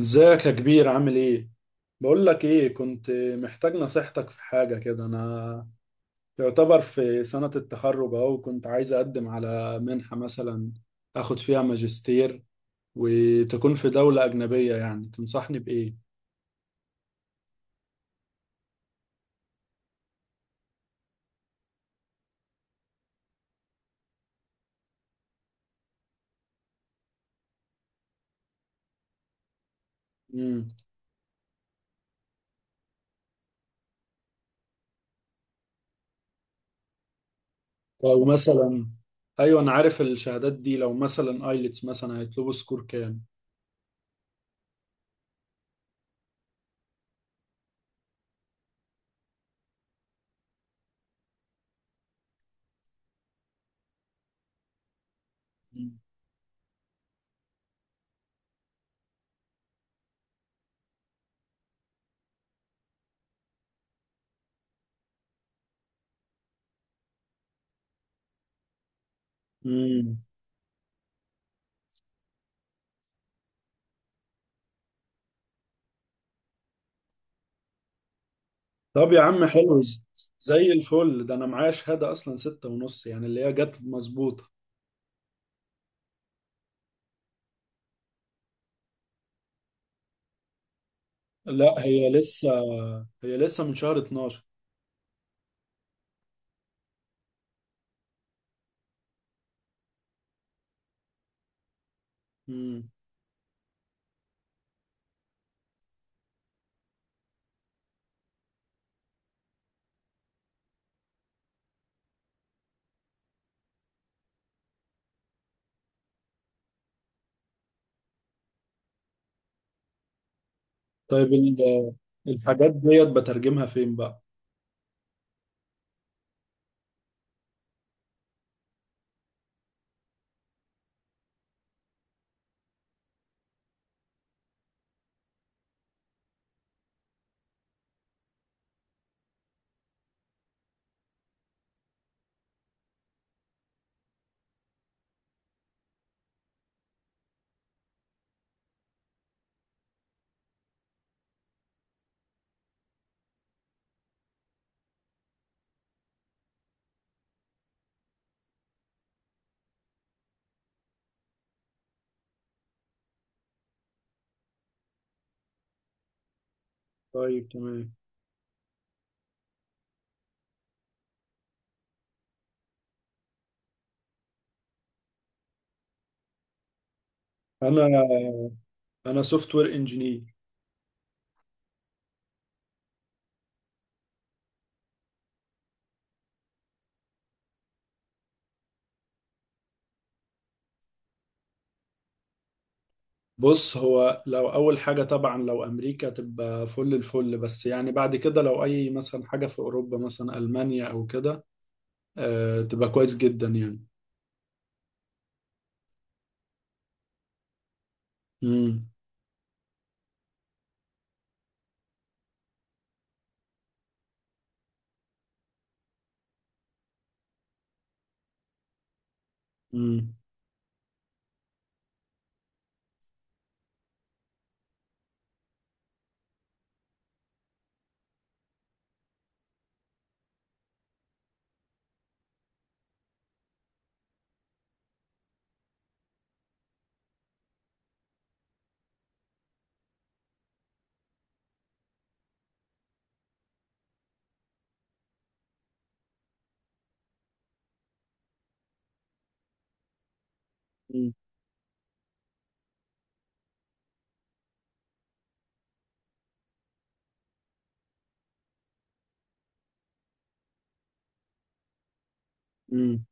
ازيك يا كبير، عامل ايه؟ بقول لك ايه، كنت محتاج نصيحتك في حاجة كده. انا يعتبر في سنة التخرج اهو، كنت عايز اقدم على منحة مثلا اخد فيها ماجستير وتكون في دولة اجنبية. يعني تنصحني بايه؟ امم لو مثلا، ايوه، انا عارف الشهادات دي. لو مثلا ايلتس مثلا، هيطلبوا سكور كام؟ امم طب يا عم، حلو. زي الفل ده. انا معايا شهادة اصلا 6.5، يعني اللي هي جت مظبوطة. لا، هي لسه من شهر 12. امم طيب، الحاجات ديت بترجمها فين بقى؟ طيب، تمام. انا انا سوفت وير انجينير. بص، هو لو اول حاجه طبعا لو امريكا، تبقى فل الفل. بس يعني بعد كده، لو اي مثلا حاجه في اوروبا مثلا المانيا او كده، تبقى كويس جدا يعني. امم امم امم أمم.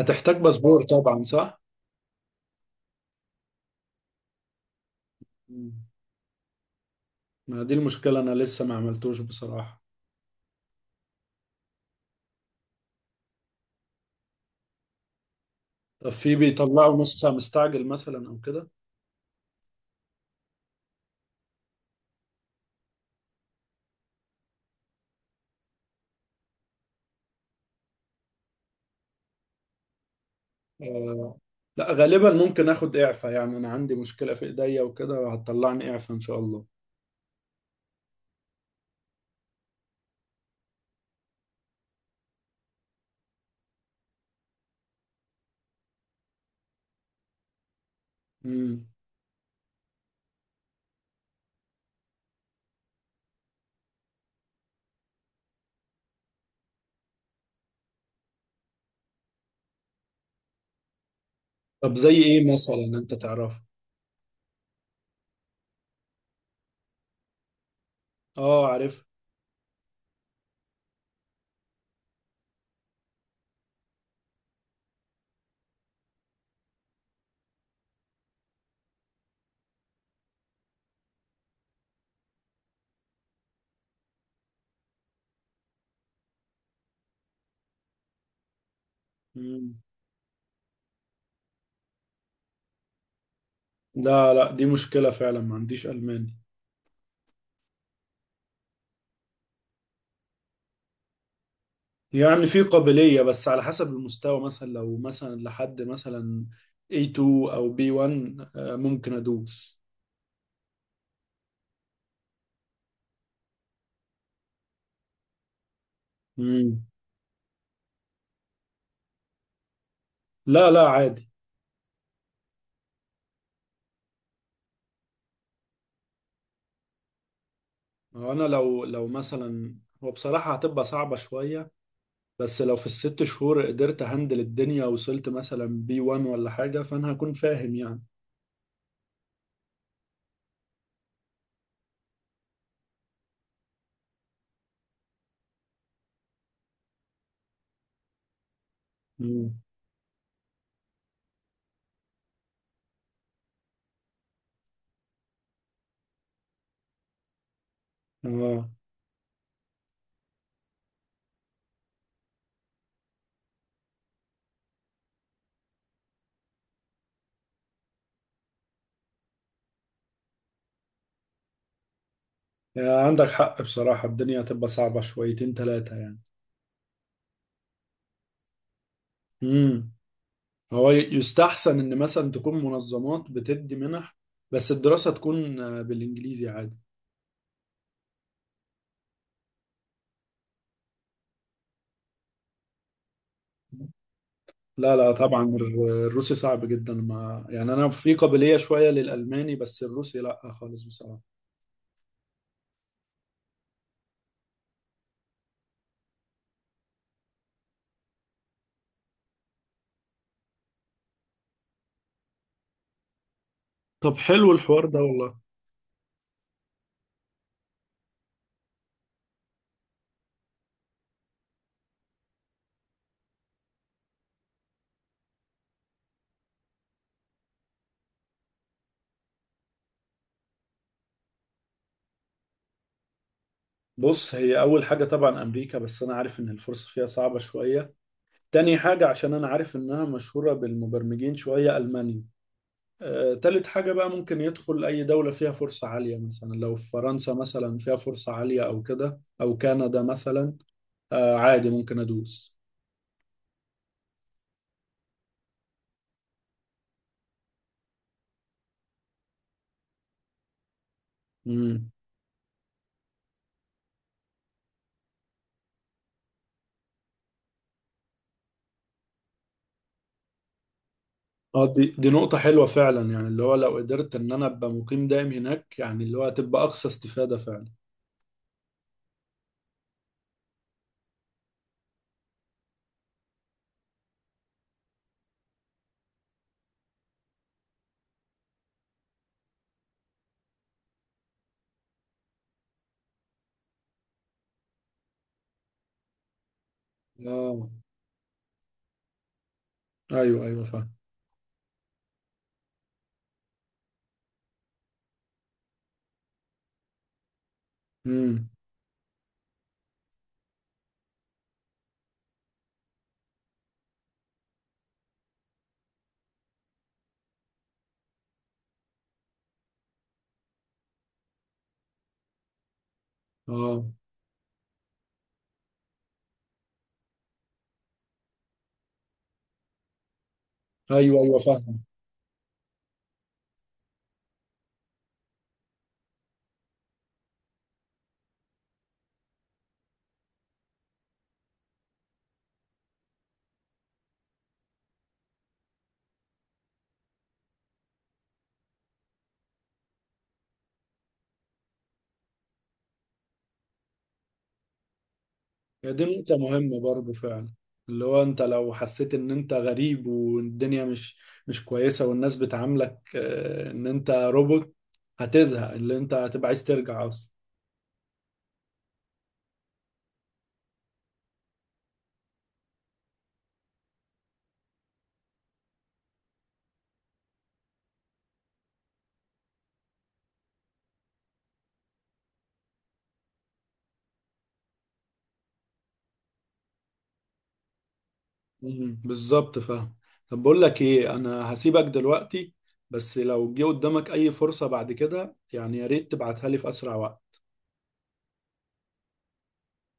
هتحتاج باسبور طبعا، صح؟ مم. ما دي المشكله، انا لسه ما عملتوش بصراحه. طب في بيطلعوا نص ساعة مستعجل مثلا او كده؟ آه. لا، غالبا ممكن اخد اعفاء. يعني انا عندي مشكلة في ايديا وكده، وهتطلعني اعفاء ان شاء الله. امم طب زي ايه مثلا انت تعرفه؟ اه، عارف. امم لا، لا، دي مشكلة فعلا، ما عنديش الماني. يعني في قابلية، بس على حسب المستوى، مثلا لو مثلا لحد مثلا A2 او B1، ممكن ادوس. امم لا، لا، عادي. هو انا لو مثلا، هو بصراحة هتبقى صعبة شوية. بس لو في الست شهور قدرت هندل الدنيا، وصلت مثلا بي 1 ولا حاجة، فأنا هكون فاهم يعني. مم. اه، يعني عندك حق بصراحة، الدنيا هتبقى صعبة شويتين تلاتة يعني. امم هو يستحسن إن مثلا تكون منظمات بتدي منح، بس الدراسة تكون بالإنجليزي عادي. لا، لا، طبعا الروسي صعب جدا. ما يعني أنا في قابلية شوية للألماني، بس الروسي لا خالص بصراحة. طب، حلو الحوار ده والله. بص، هي أول حاجة طبعا أمريكا، بس أنا عارف إن الفرصة فيها صعبة شوية. تاني حاجة، عشان أنا عارف إنها مشهورة بالمبرمجين شوية، ألمانيا. تالت حاجة بقى، ممكن يدخل أي دولة فيها فرصة عالية مثلا. لو في فرنسا مثلا فيها فرصة عالية، أو كده، أو كندا مثلا، عادي ممكن أدوس. مم. اه، دي نقطة حلوة فعلا. يعني اللي هو لو قدرت إن أنا أبقى مقيم دائم هناك، يعني اللي هو هتبقى أقصى استفادة فعلا. اه، أيوه، أيوه، فاهم. مم. اه، أيوه، أيوه، فاهم. هي دي نقطة مهمة برضه فعلا. اللي هو انت لو حسيت ان انت غريب والدنيا مش كويسة، والناس بتعاملك ان انت روبوت، هتزهق، اللي انت هتبقى عايز ترجع اصلا. بالظبط، فاهم. طب، بقول لك ايه، انا هسيبك دلوقتي. بس لو جه قدامك اي فرصة بعد كده يعني، يا ريت تبعتها لي في اسرع وقت.